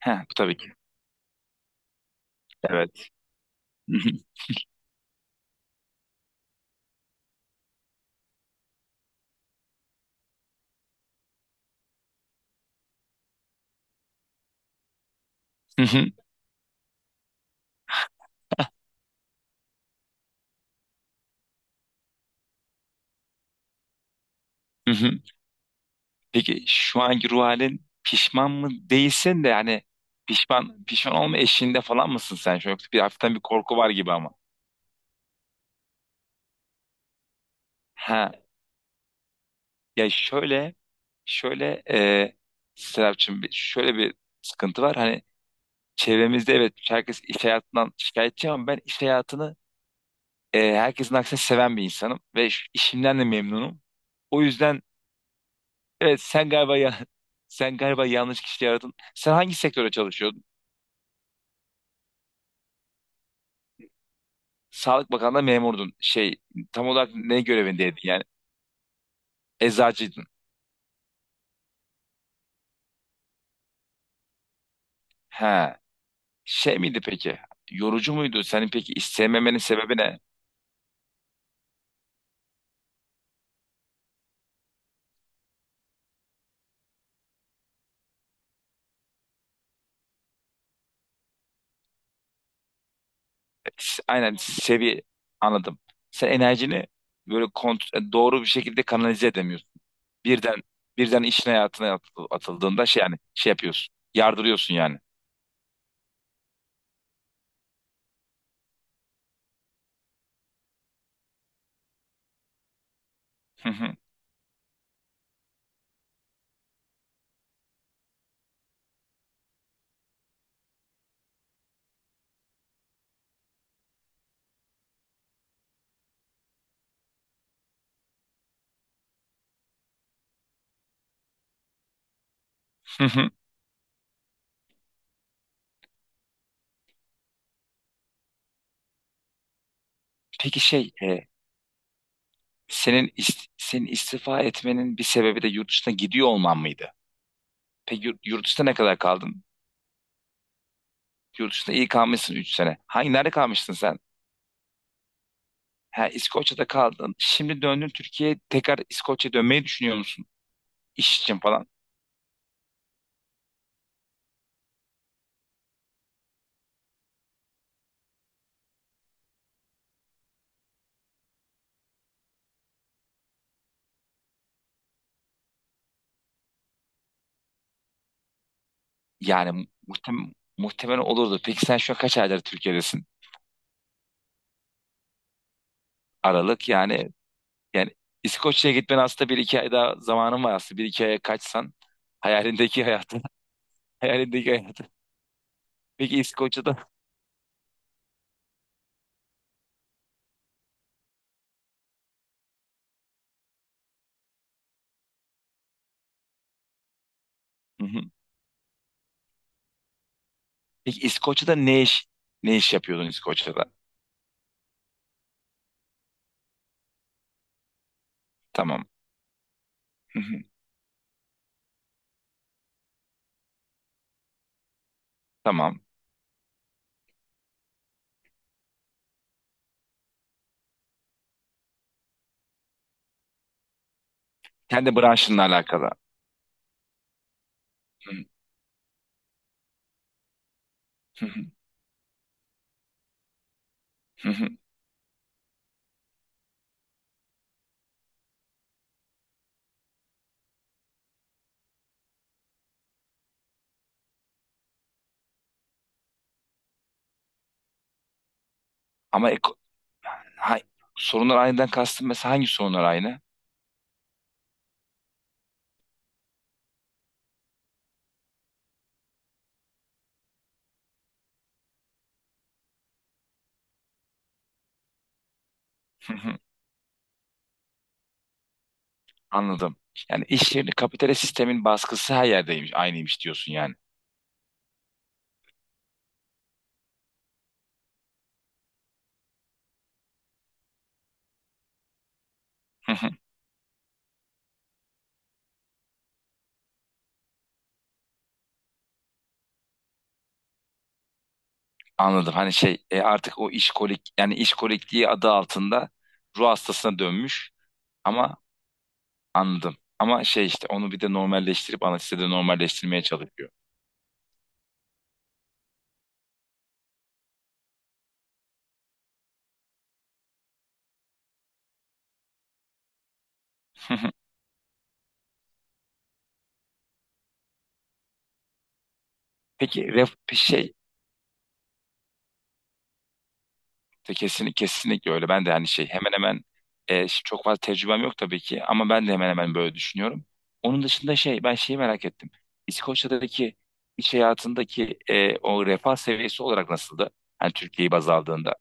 Ha, bu tabii ki. Evet. Hı hı, hı hı. Peki şu anki ruh halin pişman mı değilsin de, yani pişman pişman olma eşiğinde falan mısın sen? Şu an yoksa bir hafiften bir korku var gibi ama. Ha, ya şöyle Serapcığım, şöyle bir sıkıntı var. Hani çevremizde, evet, herkes iş hayatından şikayetçi ama ben iş hayatını herkesin aksine seven bir insanım ve şu işimden de memnunum. O yüzden evet, sen galiba ya sen galiba yanlış kişi aradın. Sen hangi sektöre çalışıyordun? Sağlık Bakanlığı'nda memurdun. Tam olarak ne görevindeydin yani? Eczacıydın. He. Şey miydi peki? Yorucu muydu? Senin peki istememenin sebebi ne? Aynen seviye anladım. Sen enerjini böyle doğru bir şekilde kanalize edemiyorsun. Birden birden işin hayatına atıldığında şey, yani şey yapıyorsun. Yardırıyorsun yani. Hı hı, hı hı. Peki, senin istifa etmenin bir sebebi de yurt dışına gidiyor olman mıydı? Peki, yurt dışında ne kadar kaldın? Yurt dışında iyi kalmışsın, 3 sene. Nerede kalmıştın sen? Ha, İskoçya'da kaldın. Şimdi döndün Türkiye'ye, tekrar İskoçya'ya dönmeyi düşünüyor musun? İş için falan. Yani muhtemelen olurdu. Peki sen şu an kaç aydır Türkiye'desin? Aralık, yani İskoçya'ya gitmen aslında bir iki ay daha zamanın var aslında. Bir iki aya kaçsan hayalindeki hayatı. Hayalindeki hayatı. Peki İskoçya'da. Hı hı. Peki İskoçya'da ne iş yapıyordun İskoçya'da? Tamam. Hı hı. Tamam. Kendi branşınla alakalı. Hı hı. Hı hı. Hı hı. Ama Ha, sorunlar aynıdan kastım, mesela hangi sorunlar aynı? Hı hı. Anladım. Yani iş yerinde kapitalist sistemin baskısı her yerdeymiş, aynıymış diyorsun yani. Hı hı. Anladım. Hani artık o işkolik, yani işkolikliği adı altında ruh hastasına dönmüş ama, anladım. Ama işte onu bir de normalleştirip anestezide normalleştirmeye çalışıyor. Hı hı. Peki ref, şey Te- Kesin, Kesinlikle öyle. Ben de hani, hemen hemen, çok fazla tecrübem yok tabii ki, ama ben de hemen hemen böyle düşünüyorum. Onun dışında ben şeyi merak ettim. İskoçya'daki iş hayatındaki o refah seviyesi olarak nasıldı? Hani Türkiye'yi baz aldığında.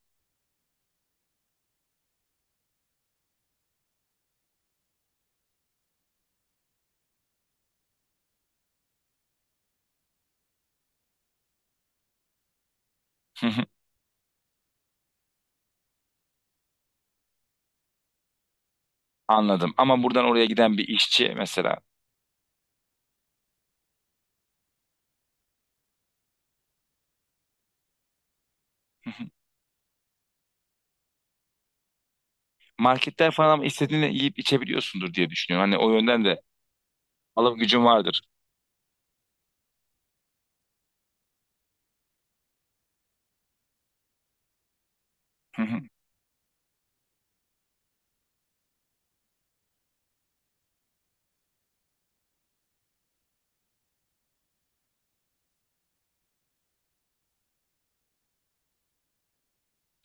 Hı hı. Anladım. Ama buradan oraya giden bir işçi mesela, hı hı, marketler falan ama istediğini yiyip içebiliyorsundur diye düşünüyorum. Hani o yönden de alım gücün vardır. Hı hı,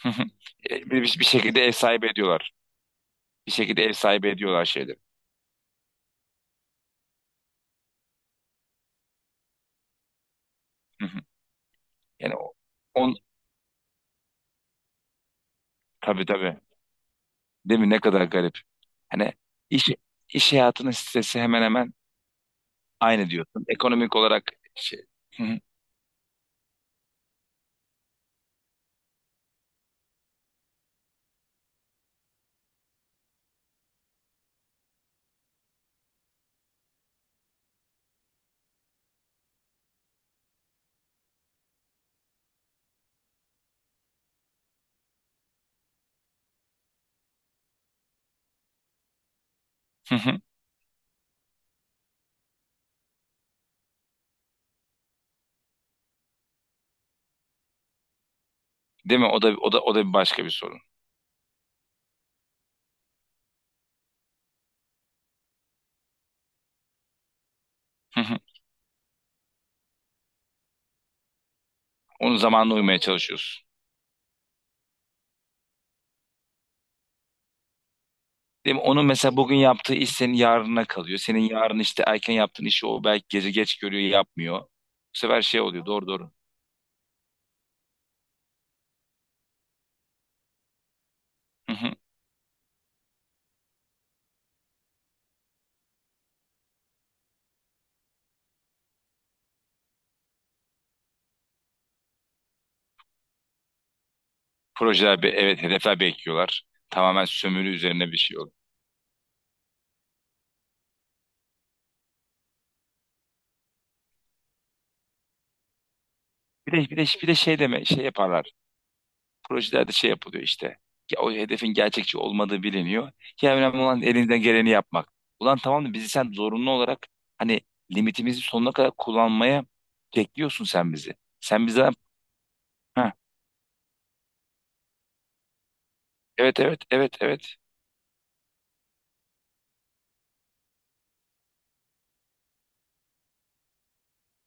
hı hı. Bir şekilde ev sahibi ediyorlar. Bir şekilde ev sahibi ediyorlar şeyleri. Hı hı. Yani o- tabii, tabii. Değil mi? Ne kadar garip. Hani iş, iş hayatının stresi hemen hemen aynı diyorsun. Ekonomik olarak şey. Hı hı, hı hı. Değil mi? O da bir başka bir sorun. Hı hı. Onun zamanına uymaya çalışıyorsun. Değil mi? Onun mesela bugün yaptığı iş senin yarına kalıyor. Senin yarın işte erken yaptığın işi, o belki gece geç görüyor, yapmıyor. Bu sefer şey oluyor. Doğru, doğru. Hı hı. Evet, hedefler bekliyorlar. Tamamen sömürü üzerine bir şey oluyor. Bir de şey deme şey yaparlar. Projelerde şey yapılıyor işte. Ya o hedefin gerçekçi olmadığı biliniyor. Ya önemli olan elinden geleni yapmak. Ulan tamam da bizi sen zorunlu olarak, hani, limitimizi sonuna kadar kullanmaya bekliyorsun sen bizi. Sen bizden, ha, evet, evet, evet, evet,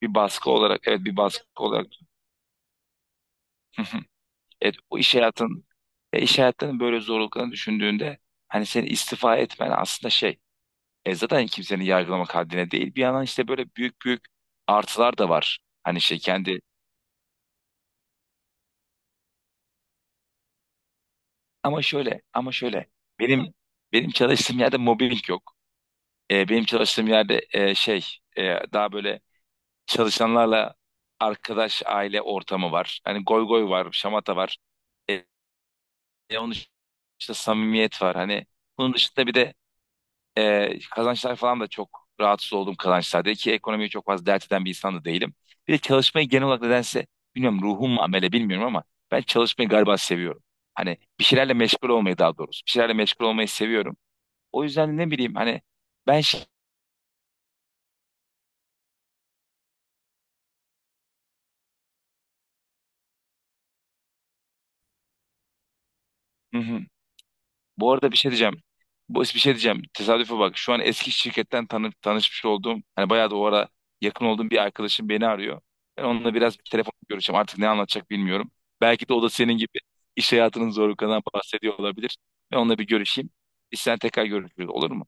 bir baskı olarak, evet, bir baskı olarak. Evet, o iş hayatın ya iş hayatının böyle zorluklarını düşündüğünde, hani seni istifa etmen aslında şey, zaten kimsenin yargılamak haddine değil, bir yandan işte böyle büyük büyük artılar da var. Hani şey kendi. Ama şöyle, ama şöyle. Benim benim çalıştığım yerde mobbing yok. Benim çalıştığım yerde, daha böyle çalışanlarla arkadaş, aile ortamı var. Hani goy goy var, şamata var. E, Onun dışında samimiyet var. Hani bunun dışında bir de kazançlar falan da, çok rahatsız olduğum kazançlarda ki ekonomiyi çok fazla dert eden bir insan da değilim. Bir de çalışmayı genel olarak nedense, bilmiyorum ruhum mu amele bilmiyorum ama, ben çalışmayı galiba seviyorum. Hani bir şeylerle meşgul olmayı, daha doğrusu. Bir şeylerle meşgul olmayı seviyorum. O yüzden ne bileyim hani, ben şey. Hı hı. Bu arada bir şey diyeceğim. Bu bir şey diyeceğim. Tesadüfe bak. Şu an eski şirketten tanışmış olduğum, hani bayağı da o ara yakın olduğum bir arkadaşım beni arıyor. Ben onunla biraz telefon görüşeceğim. Artık ne anlatacak bilmiyorum. Belki de o da senin gibi iş hayatının zorluklarından bahsediyor olabilir. Ben onunla bir görüşeyim. Sen, tekrar görüşürüz, olur mu?